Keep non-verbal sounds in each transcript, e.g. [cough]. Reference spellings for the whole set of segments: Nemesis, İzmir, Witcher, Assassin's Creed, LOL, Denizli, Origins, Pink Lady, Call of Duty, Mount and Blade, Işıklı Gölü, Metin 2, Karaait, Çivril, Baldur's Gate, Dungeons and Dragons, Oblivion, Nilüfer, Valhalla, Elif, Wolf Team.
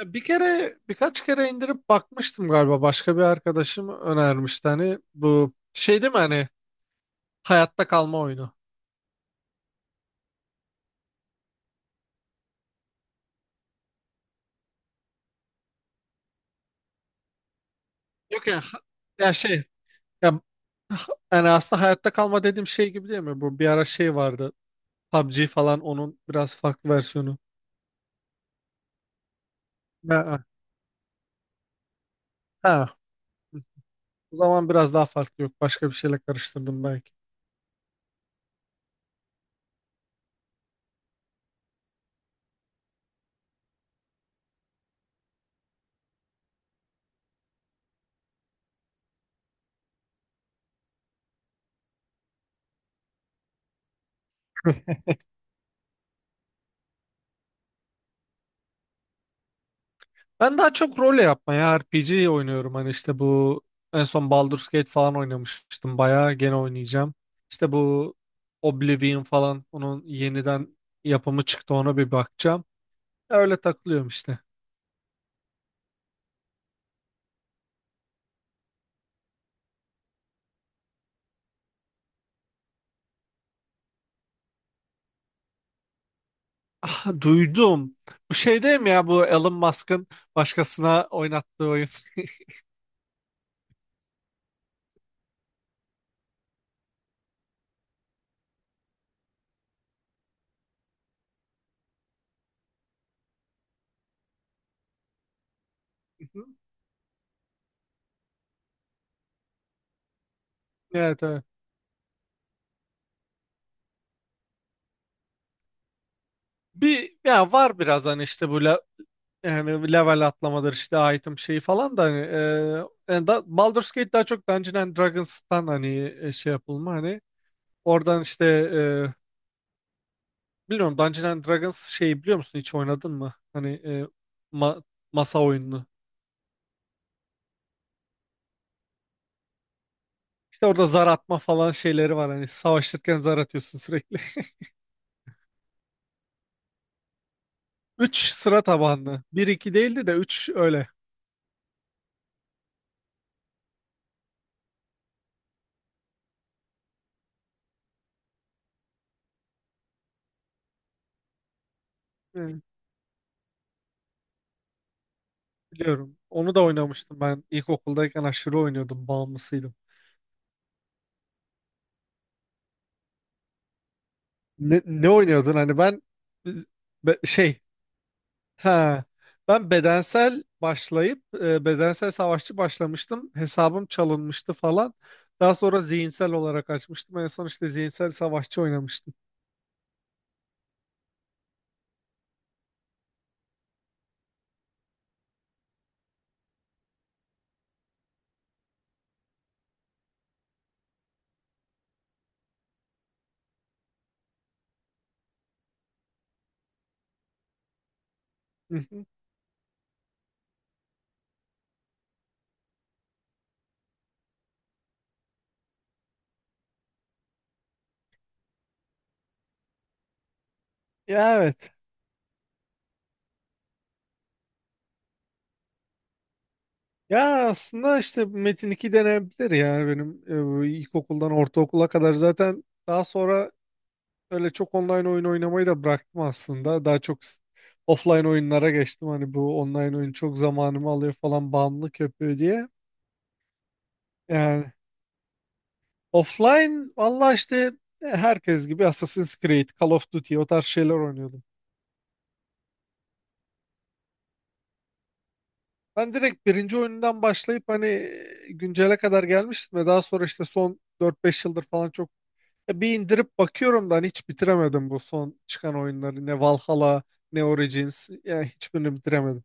Ya bir kere birkaç kere indirip bakmıştım galiba. Başka bir arkadaşım önermişti, hani bu şey değil mi, hani hayatta kalma oyunu. Yok ya ha- ya şey ya yani aslında hayatta kalma dediğim şey gibi değil mi? Bu bir ara şey vardı. PUBG falan onun biraz farklı versiyonu. Ha, ha. O zaman biraz daha farklı, yok. Başka bir şeyle karıştırdım belki. [laughs] Ben daha çok role yapmaya RPG oynuyorum. Hani işte bu en son Baldur's Gate falan oynamıştım. Bayağı gene oynayacağım. İşte bu Oblivion falan, onun yeniden yapımı çıktı, ona bir bakacağım. Öyle takılıyorum işte. Ah, duydum. Bu şey değil mi, ya bu Elon Musk'ın başkasına oynattığı oyun? [laughs] Evet, evet. Bir ya var biraz hani işte böyle. Yani level atlamadır, işte item şeyi falan da, hani yani, Baldur's Gate daha çok Dungeons and Dragons'tan hani şey yapılma, hani oradan işte bilmiyorum, Dungeons and Dragons şeyi biliyor musun, hiç oynadın mı? Hani ma- masa oyununu. İşte orada zar atma falan şeyleri var, hani savaşırken zar atıyorsun sürekli. [laughs] Üç, sıra tabanlı. Bir, iki değildi de, 3 öyle. Yani biliyorum. Onu da oynamıştım ben, ilkokuldayken aşırı oynuyordum, bağımlısıydım. Ne oynuyordun hani? Ben Be- şey Ha, Ben bedensel başlayıp bedensel savaşçı başlamıştım. Hesabım çalınmıştı falan. Daha sonra zihinsel olarak açmıştım. En son işte zihinsel savaşçı oynamıştım. Hı hı. Ya, evet. Ya aslında işte Metin 2 denebilir yani, benim ilkokuldan ortaokula kadar. Zaten daha sonra öyle çok online oyun oynamayı da bıraktım aslında. Daha çok offline oyunlara geçtim. Hani bu online oyun çok zamanımı alıyor falan, bağımlılık yapıyor diye. Yani offline, valla işte herkes gibi Assassin's Creed, Call of Duty, o tarz şeyler oynuyordum. Ben direkt birinci oyundan başlayıp hani güncele kadar gelmiştim ve daha sonra işte son dört beş yıldır falan çok bir indirip bakıyorum da hani hiç bitiremedim bu son çıkan oyunları. Ne Valhalla, ne Origins, yani hiçbirini bitiremedim.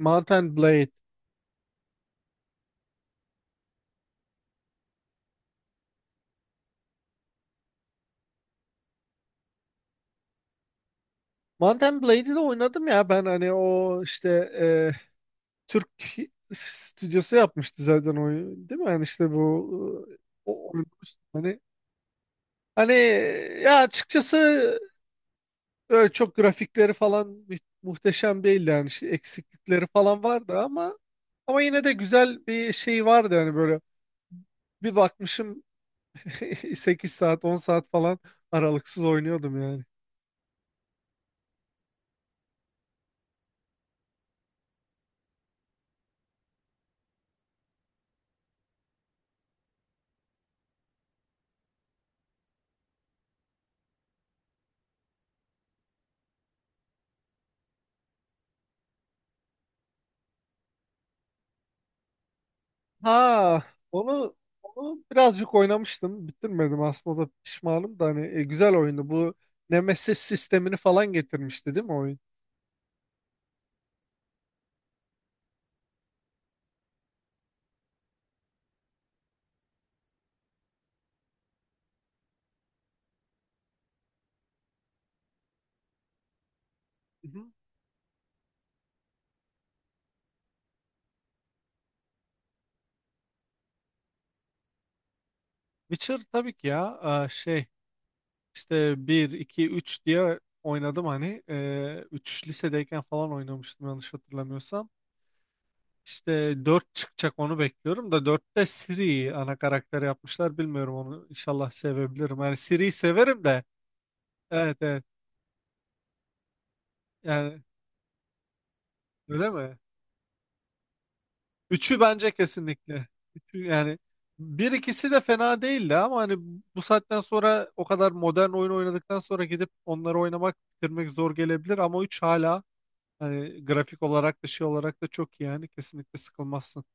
Mount and Blade. Mount and Blade'i de oynadım ya. Ben hani o işte e, Türk stüdyosu yapmıştı zaten oyunu, değil mi? Yani işte bu e, oynamıştım. Hani, ya açıkçası öyle çok grafikleri falan muhteşem değildi yani, eksiklikleri falan vardı ama ama yine de güzel bir şey vardı yani, böyle bir bakmışım [laughs] 8 saat, 10 saat falan aralıksız oynuyordum yani. Ha, onu onu birazcık oynamıştım, bitirmedim aslında, o da pişmanım da, hani güzel oyundu bu. Nemesis sistemini falan getirmişti değil mi oyun? Hı hı. Witcher tabii ki ya, İşte bir, iki, 3 diye oynadım hani. 3, lisedeyken falan oynamıştım yanlış hatırlamıyorsam. İşte 4 çıkacak, onu bekliyorum da, dörtte Siri ana karakter yapmışlar. Bilmiyorum, onu inşallah sevebilirim. Yani Siri'yi severim de. Evet, evet. Yani öyle mi? Üçü bence kesinlikle. 3'ü yani, bir ikisi de fena değildi ama hani bu saatten sonra, o kadar modern oyun oynadıktan sonra gidip onları oynamak, bitirmek zor gelebilir, ama 3 hala, hani grafik olarak da şey olarak da çok iyi yani, kesinlikle sıkılmazsın.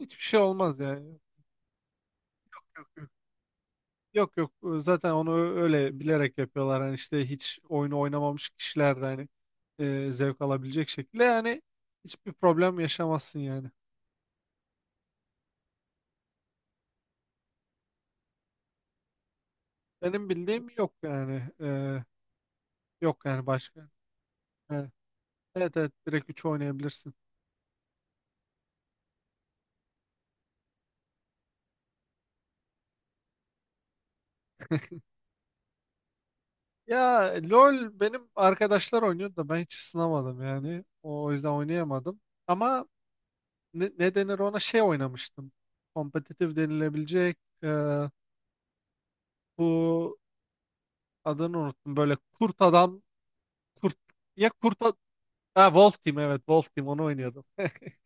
Hiçbir şey olmaz yani. Yok, yok. Yok, yok. Zaten onu öyle bilerek yapıyorlar. Hani işte hiç oyunu oynamamış kişiler de hani zevk alabilecek şekilde, yani hiçbir problem yaşamazsın yani. Benim bildiğim yok yani. Yok yani başka. Evet, evet, evet, direkt 3 oynayabilirsin. Ya LOL, benim arkadaşlar oynuyordu da ben hiç ısınamadım yani. O yüzden oynayamadım. Ama ne denir ona, şey oynamıştım. Kompetitif denilebilecek, e, bu, adını unuttum. Böyle kurt adam, kurt ya kurt ad- ha, Wolf Team, evet Wolf Team, onu oynuyordum. [laughs]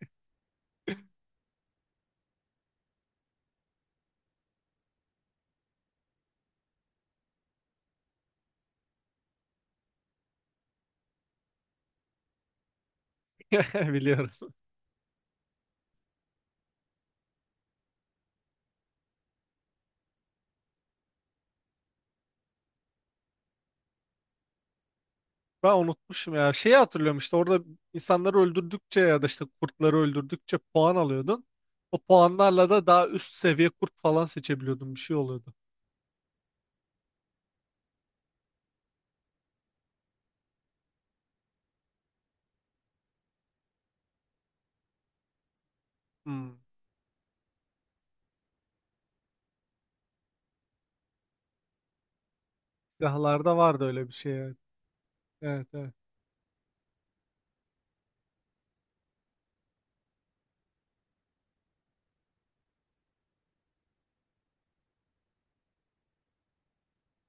[laughs] Biliyorum. Ben unutmuşum ya. Şeyi hatırlıyorum, işte orada insanları öldürdükçe ya da işte kurtları öldürdükçe puan alıyordun. O puanlarla da daha üst seviye kurt falan seçebiliyordun. Bir şey oluyordu. Hmm. Silahlarda vardı öyle bir şey yani. Evet, evet.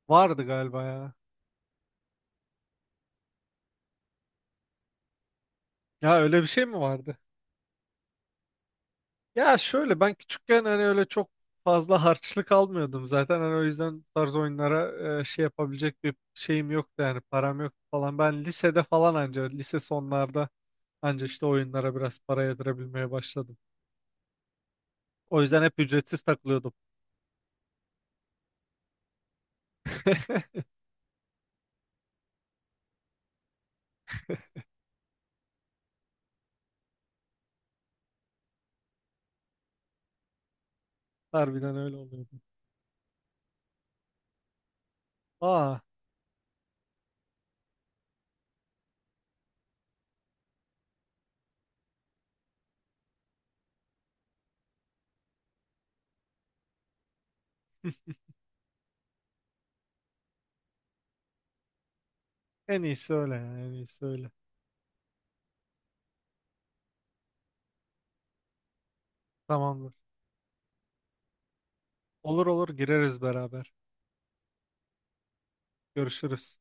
Vardı galiba ya. Ya öyle bir şey mi vardı? Ya şöyle, ben küçükken hani öyle çok fazla harçlık almıyordum zaten. Hani o yüzden bu tarz oyunlara şey yapabilecek bir şeyim yoktu yani, param yoktu falan. Ben lisede falan, anca lise sonlarda anca işte oyunlara biraz para yedirebilmeye başladım. O yüzden hep ücretsiz takılıyordum. [laughs] Harbiden öyle oluyordu. Aa, en iyisi öyle yani, en iyisi öyle. Tamamdır. Olur, olur, gireriz beraber. Görüşürüz.